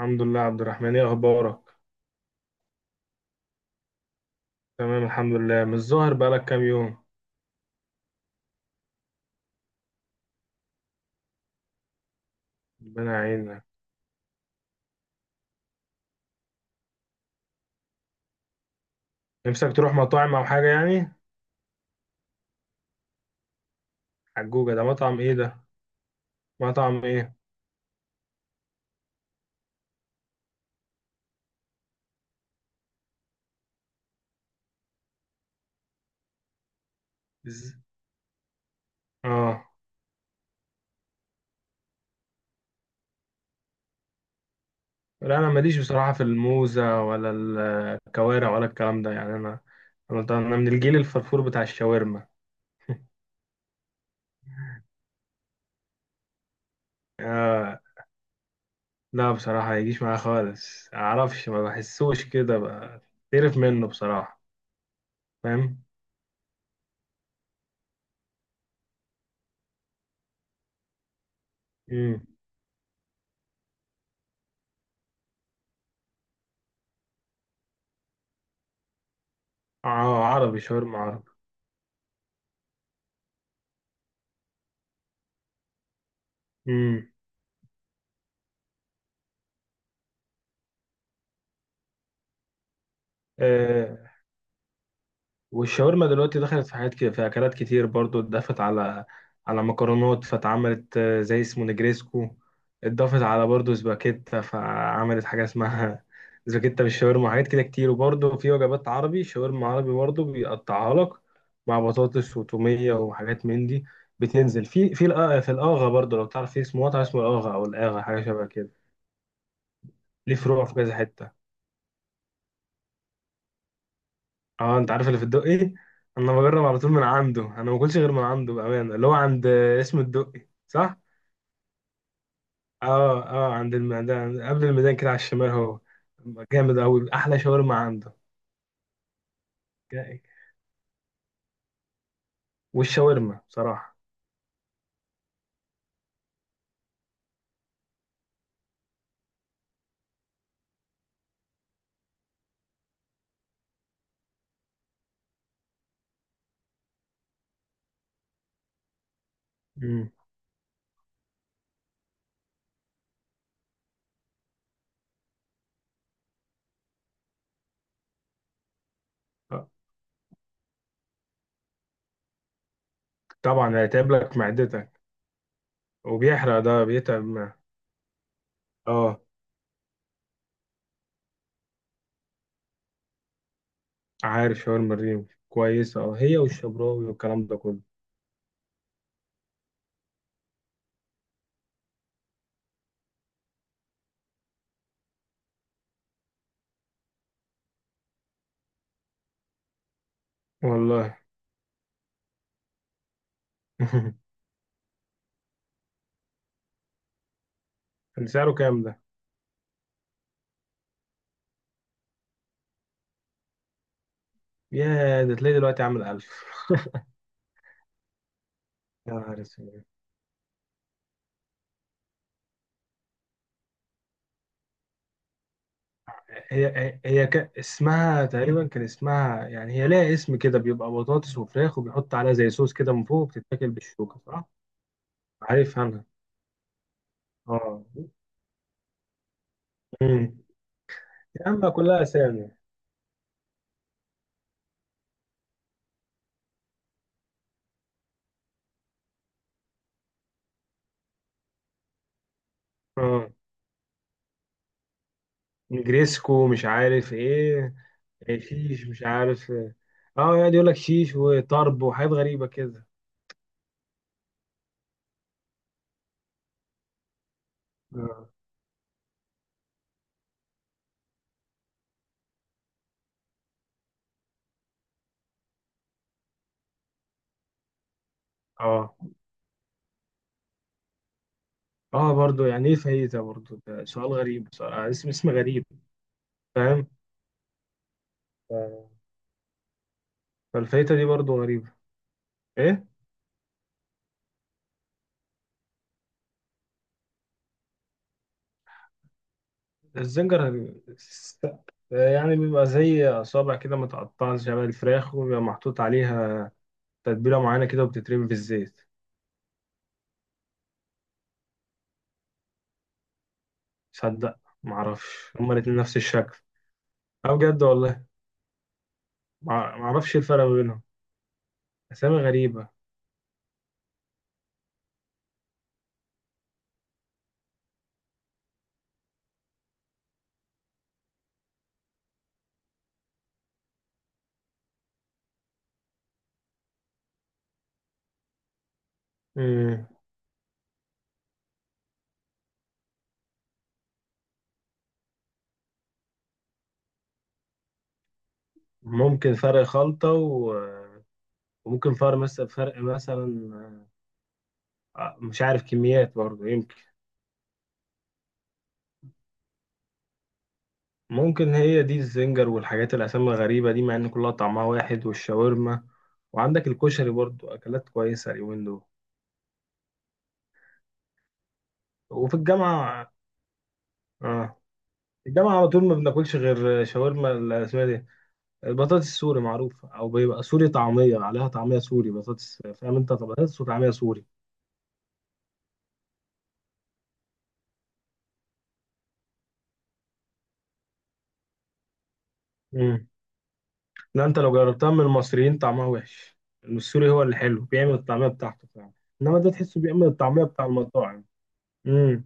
الحمد لله عبد الرحمن، ايه اخبارك؟ تمام الحمد لله، مش ظاهر بقالك كام يوم. ربنا يعينك. نفسك تروح مطاعم او حاجه يعني؟ حجوجه ده مطعم ايه ده؟ مطعم ايه؟ إز... اه لا، انا ماليش بصراحه في الموزه ولا الكوارع ولا الكلام ده يعني، انا أنا من الجيل الفرفور بتاع الشاورما. آه لا بصراحه ما يجيش معايا خالص، اعرفش ما بحسوش كده بقى. تعرف منه بصراحه. فاهم. امم اه عربي، شاورما عربي. امم آه. والشاورما دلوقتي دخلت في حاجات كده، في اكلات كتير برضو اتضافت على على مكرونات، فاتعملت زي اسمه نجريسكو. اتضافت على برضو سباكيتا، فعملت حاجه اسمها سباكيتا بالشاورما، حاجات كده كتير. وبرضو في وجبات عربي، شاورما عربي برضو بيقطعها لك مع بطاطس وتوميه وحاجات من دي. بتنزل في في الاغا برضو، لو تعرف في اسمه مطعم اسمه الاغا او الاغا حاجه شبه كده. ليه فروع في كذا حته. اه انت عارف اللي في الدقي. انا بجرب على طول من عنده، انا ما باكلش غير من عنده بامانه، اللي هو عند اسم الدقي صح. اه اه، عند الميدان، قبل الميدان كده على الشمال هو. جامد قوي، احلى شاورما عنده. جاي. والشاورما بصراحه. امم آه، طبعا هيتعب لك معدتك، وبيحرق ده بيتعب معاه. اه عارف، شاورما الريم كويسه، اه، هي والشبراوي والكلام ده كله. والله. كان سعره كام ده؟ يا ده تلاقي دلوقتي عامل 1000. يا عارف. هي اسمها تقريبا، كان اسمها يعني، هي لها اسم كده بيبقى بطاطس وفراخ، وبيحط عليها زي صوص كده من فوق وبتتاكل بالشوكة صح؟ عارف انا. اه. امم. يا عم كلها اسامي. اه، نجريسكو مش عارف ايه. إيه، شيش مش عارف إيه. اه يقعد يقول لك شيش وطرب وحاجات غريبة كده. اه اه اه برضه، يعني ايه فايته برضه؟ ده سؤال غريب بصراحة، اسم اسم غريب. فاهم. ف- فالفايته دي برضه غريبة. ايه الزنجر؟ س- يعني بيبقى زي أصابع كده متقطعة شبه الفراخ، وبيبقى محطوط عليها تتبيلة معينة كده وبتترمي في الزيت. صدق معرفش، هما الاتنين نفس الشكل. أه بجد والله. معرفش إيه الفرق ما بينهم. أسامي غريبة. مم. ممكن فرق خلطة و... وممكن فرق مثلا، فرق مثلا مش عارف كميات برضه يمكن. ممكن هي دي الزنجر والحاجات الأسامي الغريبة دي، مع إن كلها طعمها واحد. والشاورما وعندك الكشري برضو أكلات كويسة اليومين دول. وفي الجامعة، آه، في الجامعة على طول ما بناكلش غير شاورما اسمها إيه دي، البطاطس السوري معروفة، أو بيبقى سوري طعمية عليها، طعمية سوري بطاطس، فاهم أنت، بطاطس وطعمية سوري. مم. لا أنت لو جربتها من المصريين طعمها وحش. السوري هو اللي حلو، بيعمل الطعمية بتاعته فعلا. إنما ده تحسه بيعمل الطعمية بتاع المطاعم. امم.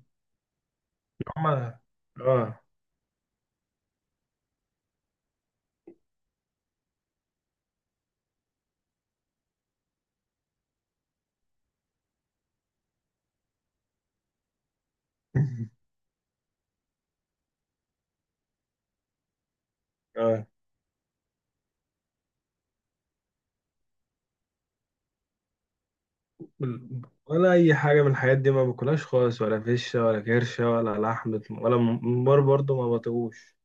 هما. آه. اه ولا اي حاجه من الحاجات دي ما باكلهاش خالص، ولا فشه ولا كرشه ولا لحمه ولا ممبار برضو ما بطيقوش.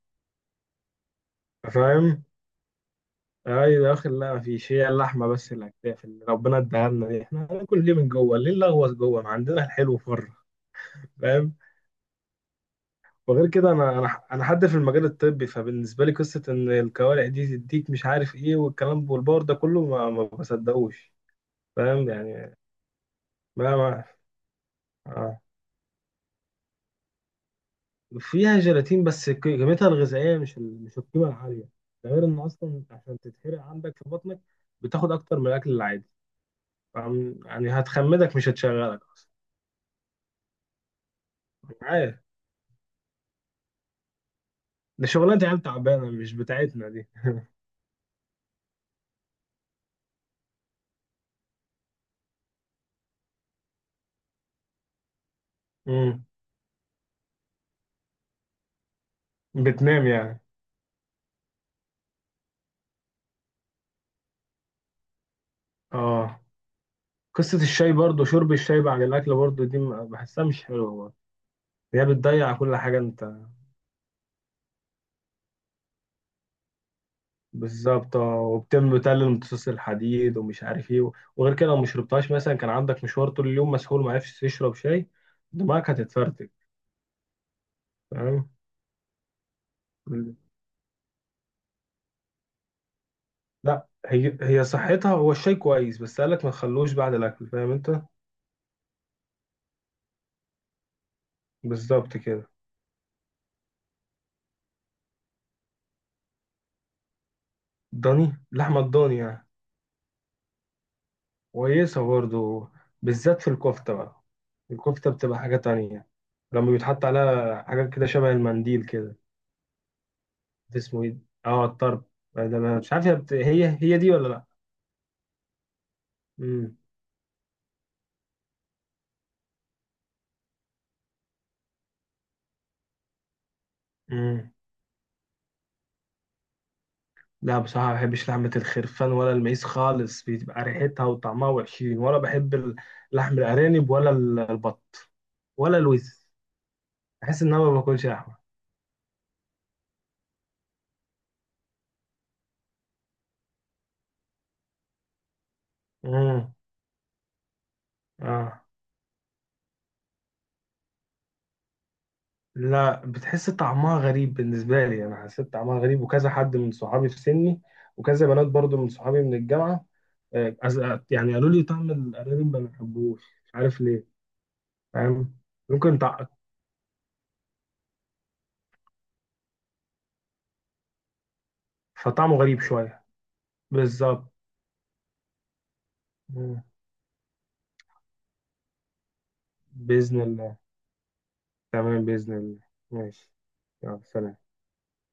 فاهم، اي داخل لا، مفيش. هي اللحمه بس اللي هتاكل، اللي ربنا اداها لنا دي، احنا هناكل ليه من جوه؟ ليه نلغوص جوه ما عندنا الحلو بره؟ فاهم. وغير كده انا، انا حد في المجال الطبي، فبالنسبه لي قصه ان الكوارع دي تديك مش عارف ايه والكلام والبار ده كله، ما بصدقوش. فاهم يعني. ما ما آه. فيها جيلاتين بس، قيمتها الغذائيه مش مش القيمه العاليه. ده غير ان اصلا عشان تتحرق عندك في بطنك، بتاخد اكتر من الاكل العادي. فاهم؟ يعني هتخمدك مش هتشغلك اصلا. عارف. ده شغلانه عيال تعبانه مش بتاعتنا دي. امم. بتنام يعني. اه. قصه الشاي برضو، شرب الشاي بعد الاكل برضو دي بحسها مش حلوه برضو. هي بتضيع كل حاجه انت. بالظبط اه، وبتم تقلل امتصاص الحديد ومش عارف ايه. وغير كده لو ما شربتهاش مثلا، كان عندك مشوار طول اليوم مسحول ما عرفتش تشرب شاي، دماغك هتتفرتك. فاهم. مم. لا هي، هي صحتها، هو الشاي كويس، بس قالك ما تخلوش بعد الاكل، فاهم انت. بالظبط كده. ضاني، لحمه الضاني يعني. كويسه برضو، بالذات في الكفته بقى. الكفته بتبقى حاجه تانية لما بيتحط عليها حاجات كده شبه المنديل كده. اسمه ايه؟ اه الطرب. ده أنا مش عارف هي هي هي دي ولا لا. مم. مم. لا بصراحة ما بحبش لحمة الخرفان ولا المعيز خالص، بتبقى ريحتها وطعمها وحشين. ولا بحب لحم الأرانب، ولا البط ولا الوز. بحس إن أنا ما باكلش لحمة. مم. آه. لا بتحس طعمها غريب، بالنسبة لي أنا حسيت طعمها غريب، وكذا حد من صحابي في سني، وكذا بنات برضو من صحابي من الجامعة. يعني قالوا لي طعم الأرانب ما بحبوش مش عارف ليه. فاهم. ممكن طع... فطعمه غريب شوية. بالظبط. مم. بإذن الله. تمام بإذن الله. ماشي. يلا سلام.